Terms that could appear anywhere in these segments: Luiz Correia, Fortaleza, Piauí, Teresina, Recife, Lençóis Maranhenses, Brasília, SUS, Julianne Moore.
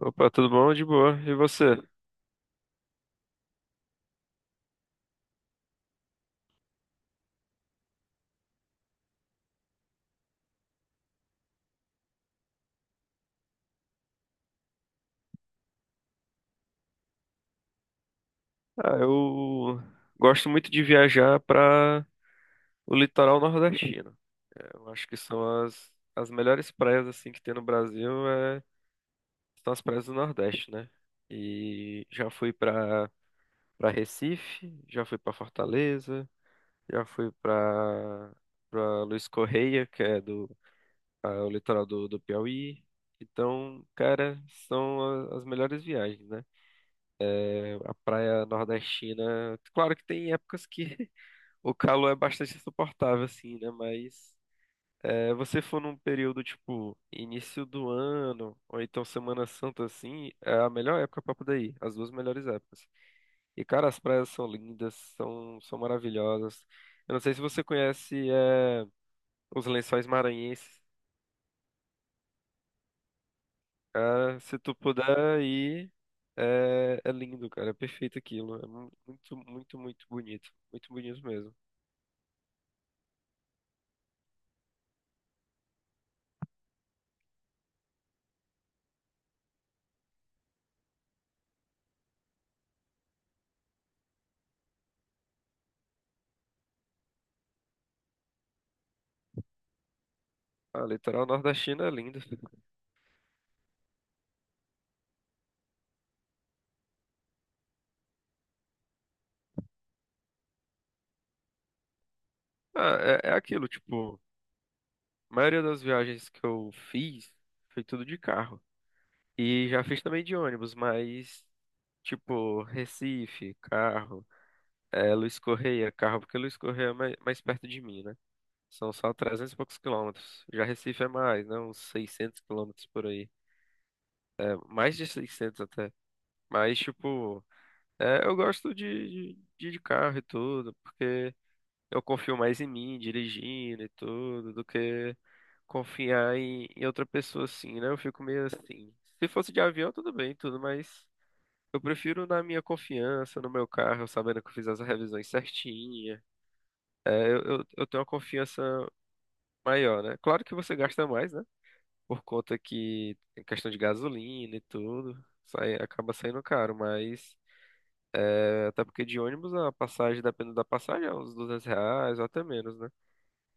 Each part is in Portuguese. Opa, tudo bom? De boa. E você? Eu gosto muito de viajar para o litoral nordestino. Eu acho que são as melhores praias assim que tem no Brasil, são as praias do Nordeste, né? E já fui para para Recife, já fui para Fortaleza, já fui para para Luiz Correia, que é do o litoral do Piauí. Então, cara, são as melhores viagens, né? A praia nordestina, claro que tem épocas que o calor é bastante insuportável, assim, né? Mas é, você for num período tipo início do ano, ou então Semana Santa, assim, é a melhor época pra poder ir, as duas melhores épocas. E, cara, as praias são lindas, são maravilhosas. Eu não sei se você conhece os Lençóis Maranhenses. Né? Se tu puder ir, é lindo, cara. É perfeito aquilo. É muito bonito. Muito bonito mesmo. A litoral norte da China é linda. Ah, é aquilo, tipo, a maioria das viagens que eu fiz foi tudo de carro. E já fiz também de ônibus, mas, tipo, Recife, carro, Luiz Correia, carro, porque Luiz Correia é mais, mais perto de mim, né? São só 300 e poucos km. Já Recife é mais, né? Uns 600 km por aí. É, mais de 600 até. Mas, tipo, é, eu gosto de carro e tudo, porque. Eu confio mais em mim, dirigindo e tudo, do que confiar em outra pessoa assim, né? Eu fico meio assim. Se fosse de avião, tudo bem, tudo, mas eu prefiro na minha confiança, no meu carro, sabendo que eu fiz as revisões certinha. Eu tenho uma confiança maior, né? Claro que você gasta mais, né? Por conta que tem questão de gasolina e tudo, sai, acaba saindo caro, mas é, até porque de ônibus a passagem, dependendo da passagem, é uns R$ 200 ou até menos, né?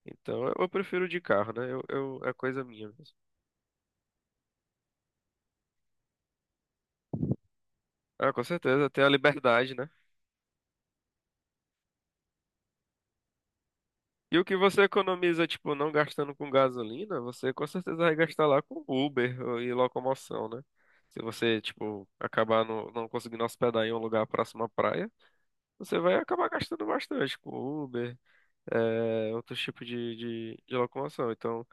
Então eu prefiro de carro, né? É coisa minha mesmo. Ah, com certeza, tem a liberdade, né? E o que você economiza, tipo, não gastando com gasolina, você com certeza vai gastar lá com Uber ou- e locomoção, né? Se você, tipo, acabar no, não conseguindo hospedar em um lugar próximo à praia, você vai acabar gastando bastante com Uber, é, outros tipos de locomoção. Então.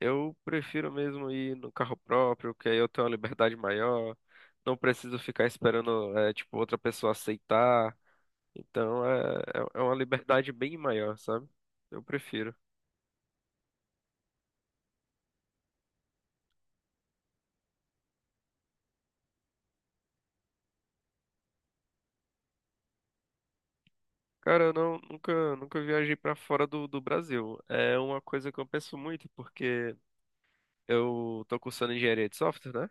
Eu prefiro mesmo ir no carro próprio, que aí eu tenho uma liberdade maior, não preciso ficar esperando, é, tipo, outra pessoa aceitar. Então é, é uma liberdade bem maior, sabe? Eu prefiro. Cara, eu não, nunca viajei pra fora do Brasil. É uma coisa que eu penso muito, porque eu tô cursando engenharia de software, né?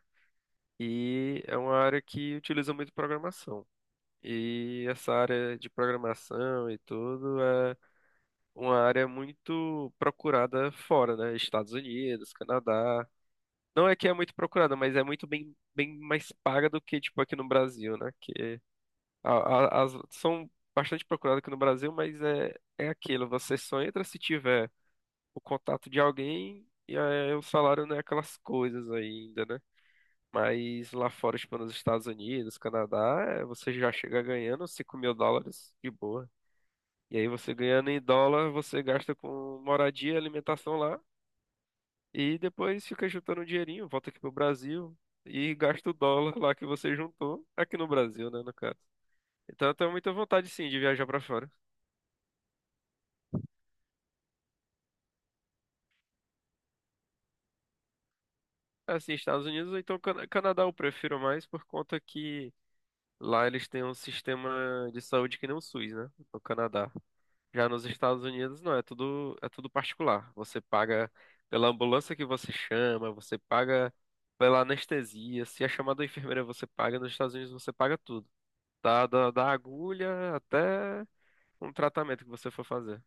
E é uma área que utiliza muito programação. E essa área de programação e tudo é uma área muito procurada fora, né? Estados Unidos, Canadá. Não é que é muito procurada, mas é muito bem, bem mais paga do que, tipo, aqui no Brasil, né? Que as são bastante procuradas aqui no Brasil, mas é, é aquilo. Você só entra se tiver o contato de alguém e aí o salário não é aquelas coisas ainda, né? Mas lá fora, tipo, nos Estados Unidos, Canadá, é, você já chega ganhando US$ 5.000 de boa. E aí você ganhando em dólar, você gasta com moradia, alimentação lá, e depois fica juntando um dinheirinho, volta aqui pro Brasil e gasta o dólar lá que você juntou, aqui no Brasil, né, no caso. Então eu tenho muita vontade sim de viajar pra fora. Assim, Estados Unidos ou então Canadá eu prefiro mais por conta que lá eles têm um sistema de saúde que nem o SUS, né, no Canadá. Já nos Estados Unidos, não, é tudo particular. Você paga pela ambulância que você chama, você paga pela anestesia. Se é chamada da enfermeira, você paga. Nos Estados Unidos, você paga tudo. Da agulha até um tratamento que você for fazer.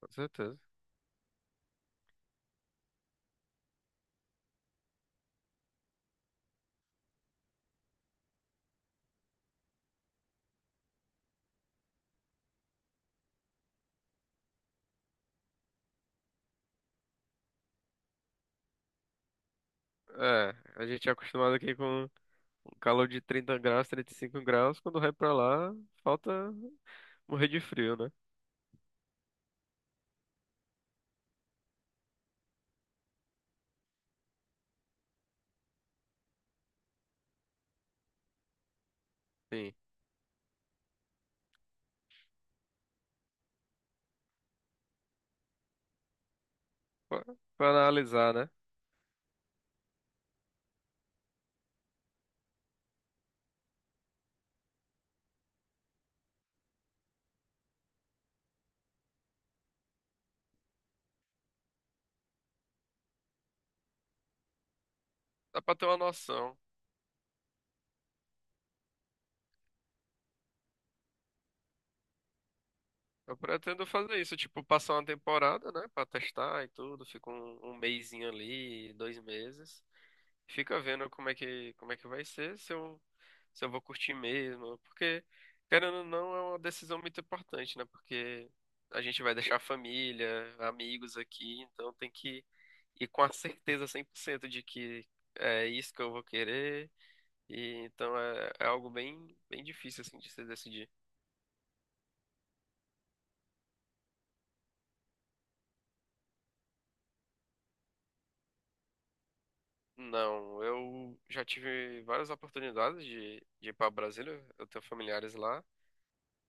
Com certeza. É, a gente é acostumado aqui com um calor de 30 graus, 35 graus. Quando vai pra lá, falta morrer de frio, né? Sim. Pra, pra analisar, né? Dá pra ter uma noção. Eu pretendo fazer isso, tipo, passar uma temporada, né, pra testar e tudo, fica um mesinho ali, 2 meses, fica vendo como é que vai ser, se eu vou curtir mesmo, porque, querendo ou não, é uma decisão muito importante, né, porque a gente vai deixar a família, amigos aqui, então tem que ir com a certeza 100% de que é isso que eu vou querer, e então é, é algo bem, bem difícil, assim, de se decidir. Não, eu já tive várias oportunidades de ir para Brasília, eu tenho familiares lá,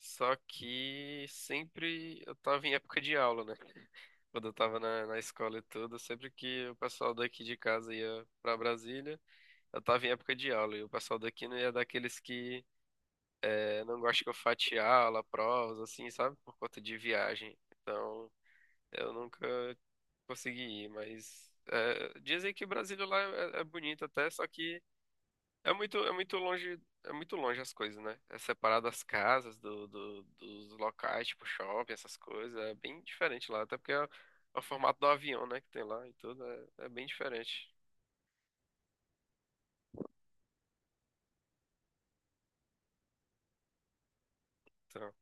só que sempre eu tava em época de aula, né? Quando eu tava na escola e tudo, sempre que o pessoal daqui de casa ia para Brasília, eu tava em época de aula, e o pessoal daqui não ia daqueles que não gosta que eu fatie aula, provas, assim, sabe? Por conta de viagem. Então, eu nunca consegui ir, mas dizem que Brasília lá é, é bonito até, só que. É muito longe as coisas, né? É separado as casas dos locais, tipo shopping, essas coisas. É bem diferente lá, até porque é, o formato do avião, né, que tem lá e tudo, é, é bem diferente. Então,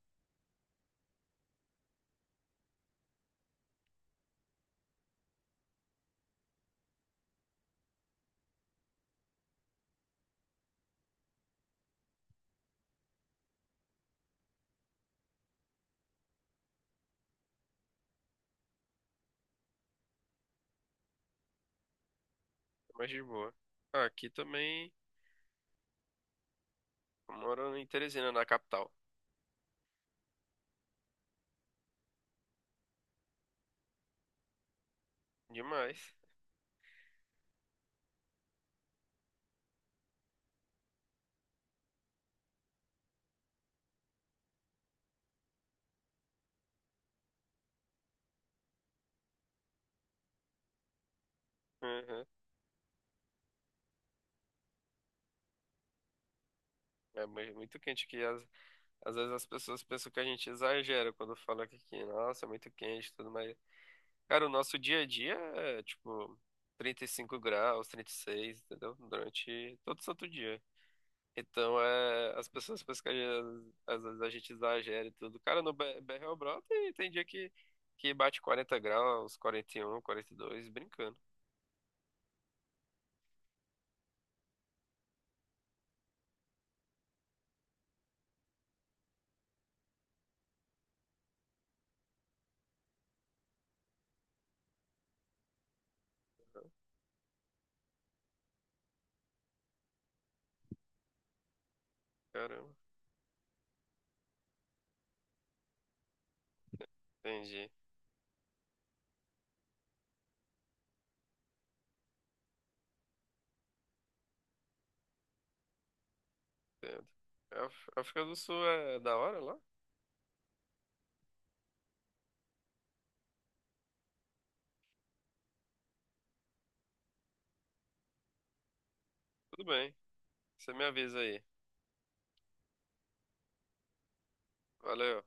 é mais de boa. Ah, aqui também, eu moro em Teresina, na capital. Demais. Uhum. É muito quente aqui. Às vezes as pessoas pensam que a gente exagera quando fala que aqui, nossa, é muito quente e tudo, mas cara, o nosso dia a dia é tipo 35 graus, 36, entendeu? Durante todo santo dia. Então, é, as pessoas pensam que às vezes a gente exagera e tudo. Cara, no BR o Brau tem, tem dia que bate 40 graus, 41, 42, brincando. Caramba, entendi, entendo. A África do Sul é da hora lá? Tudo bem, você me avisa aí. Valeu.